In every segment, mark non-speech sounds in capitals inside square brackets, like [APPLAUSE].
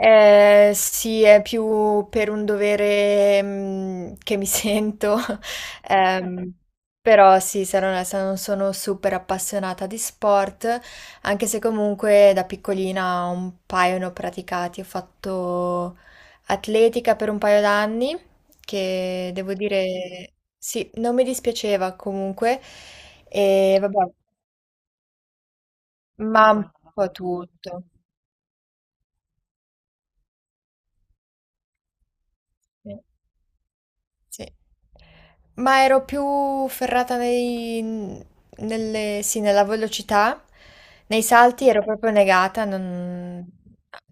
Sì, è più per un dovere, che mi sento, [LAUGHS] ehm, però sì, sarò onesta, non sono super appassionata di sport, anche se comunque da piccolina un paio ne ho praticati. Ho fatto atletica per un paio d'anni, che devo dire, sì, non mi dispiaceva comunque, e vabbè, ma un po' tutto. Sì. Sì. Ma ero più ferrata nei, nelle, sì, nella velocità, nei salti ero proprio negata, non,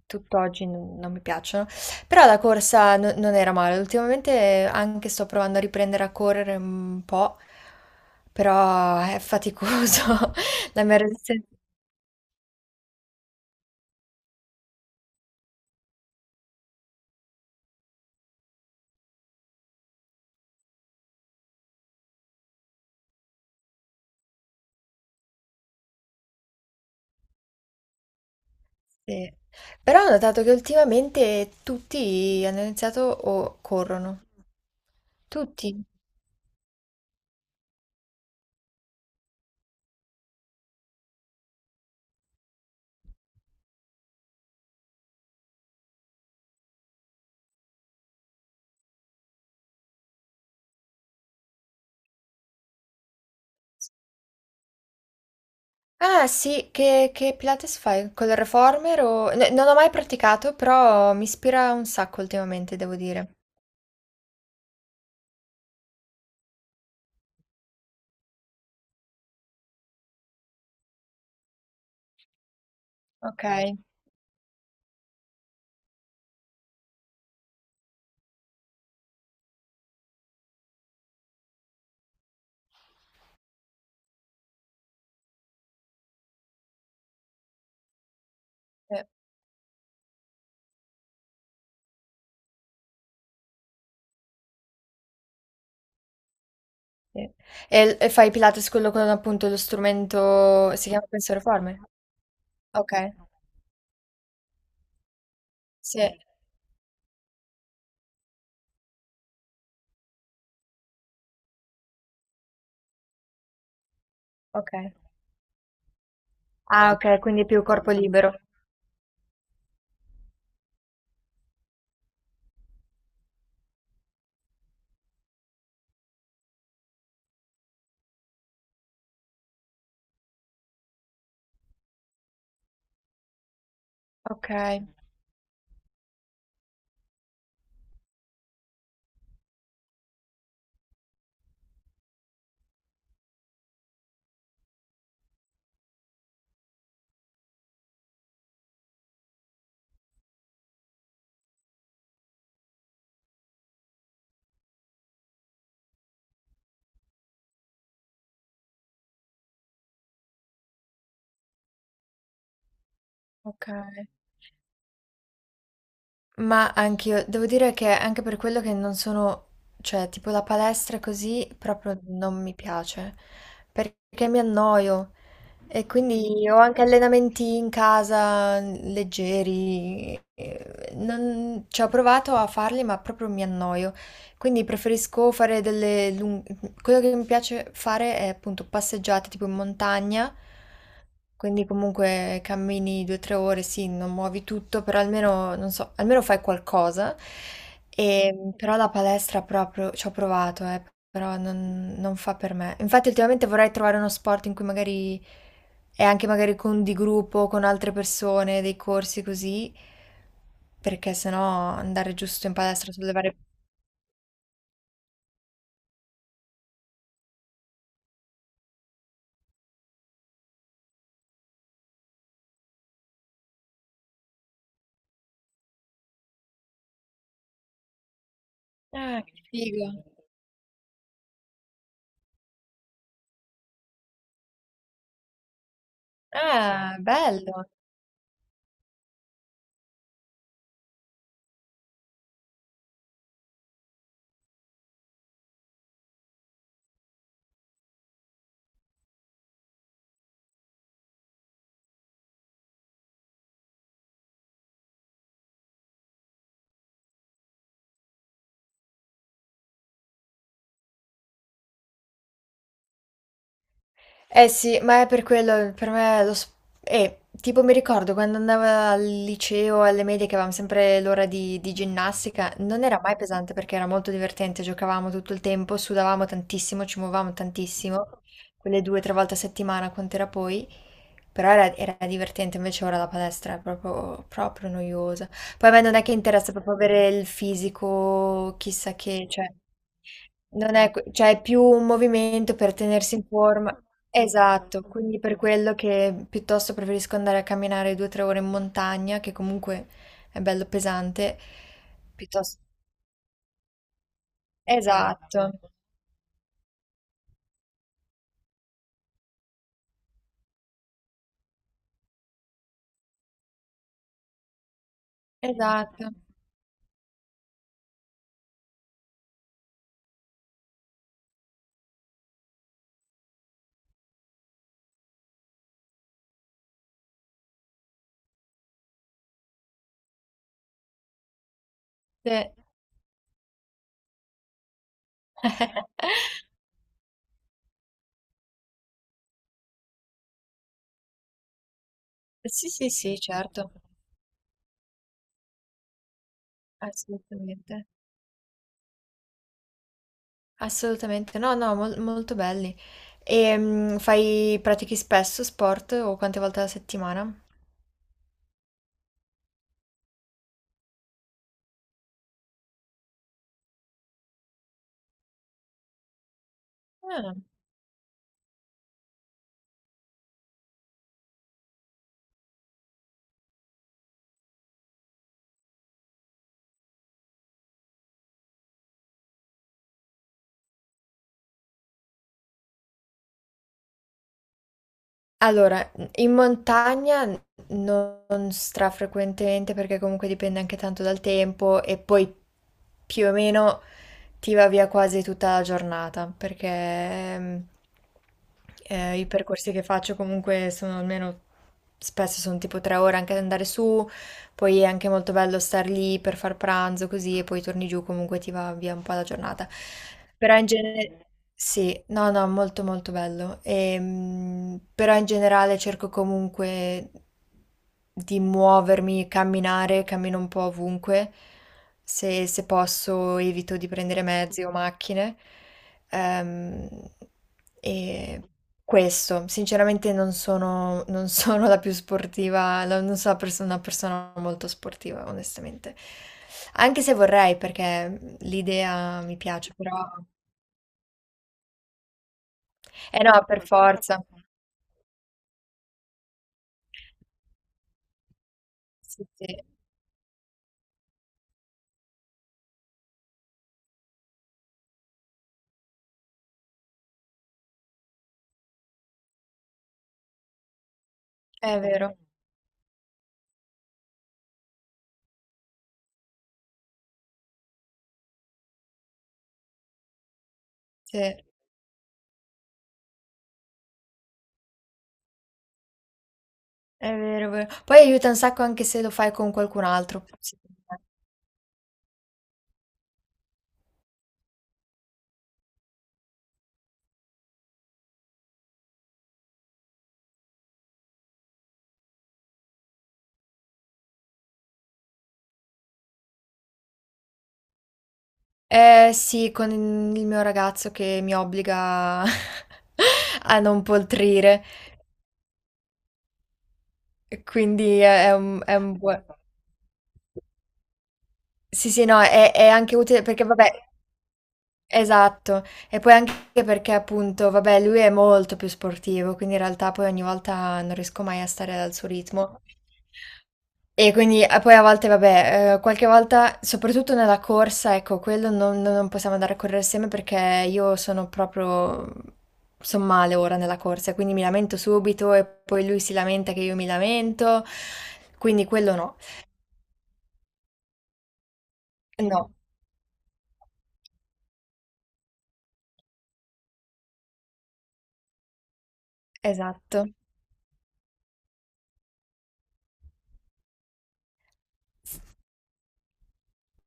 tutt'oggi non, non mi piacciono, però la corsa non era male, ultimamente anche sto provando a riprendere a correre un po', però è faticoso, [LAUGHS] la mia resistenza. Sì. Però ho notato che ultimamente tutti hanno iniziato o corrono, tutti. Ah sì, che Pilates fai? Con il reformer o. Non ho mai praticato, però mi ispira un sacco ultimamente, devo dire. Ok. Sì, sì. E fai Pilates quello con appunto lo strumento, si chiama penso reformer? Ok, sì, ok. Ah ok, quindi più corpo libero. Ok, ok. Ma anch'io, devo dire che anche per quello che non sono, cioè, tipo la palestra così proprio non mi piace, perché mi annoio e quindi ho anche allenamenti in casa leggeri, ci ho provato a farli ma proprio mi annoio, quindi preferisco fare quello che mi piace fare è appunto passeggiate tipo in montagna, quindi comunque cammini 2 o 3 ore, sì, non muovi tutto, però almeno, non so, almeno fai qualcosa. E, però la palestra proprio ci ho provato, però non fa per me. Infatti ultimamente vorrei trovare uno sport in cui magari è anche magari con di gruppo, con altre persone, dei corsi così, perché sennò andare giusto in palestra sulle varie. Ah, che figo! Ah, bello! Eh sì, ma è per quello, per me lo. Tipo mi ricordo quando andavo al liceo, alle medie, che avevamo sempre l'ora di ginnastica, non era mai pesante perché era molto divertente, giocavamo tutto il tempo, sudavamo tantissimo, ci muovevamo tantissimo, quelle 2 o 3 volte a settimana, quant'era poi, però era divertente, invece ora la palestra è proprio, proprio noiosa. Poi a me non è che interessa proprio avere il fisico chissà che, cioè non è que cioè è più un movimento per tenersi in forma, esatto, quindi per quello che piuttosto preferisco andare a camminare 2, 3 ore in montagna, che comunque è bello pesante, piuttosto, esatto, esatto, sì. [LAUGHS] Sì, sì, sì, certo, assolutamente. Assolutamente, no, no, molto belli. E pratichi spesso sport o quante volte alla settimana? Ah. Allora, in montagna non strafrequentemente perché comunque dipende anche tanto dal tempo e poi più o meno ti va via quasi tutta la giornata perché i percorsi che faccio comunque sono almeno spesso sono tipo 3 ore anche ad andare su. Poi è anche molto bello star lì per far pranzo così e poi torni giù, comunque ti va via un po' la giornata. Però in genere sì, no, no, molto molto bello. Però in generale cerco comunque di muovermi, camminare, cammino un po' ovunque. Se posso evito di prendere mezzi o macchine. Ehm, e questo, sinceramente non sono la più sportiva, non sono una persona molto sportiva, onestamente. Anche se vorrei, perché l'idea mi piace, però. Eh no, per forza. Sì, è vero, sì, è vero, è vero. Poi aiuta un sacco anche se lo fai con qualcun altro, secondo me. Eh sì, con il mio ragazzo che mi obbliga [LAUGHS] a non poltrire. E quindi è un bue. Sì, sì, no, è anche utile perché vabbè, esatto, e poi anche perché appunto, vabbè, lui è molto più sportivo, quindi in realtà poi ogni volta non riesco mai a stare al suo ritmo. E quindi e poi a volte vabbè, qualche volta soprattutto nella corsa, ecco, quello non possiamo andare a correre assieme perché io sono proprio son male ora nella corsa, quindi mi lamento subito e poi lui si lamenta che io mi lamento, quindi quello no. No. Esatto.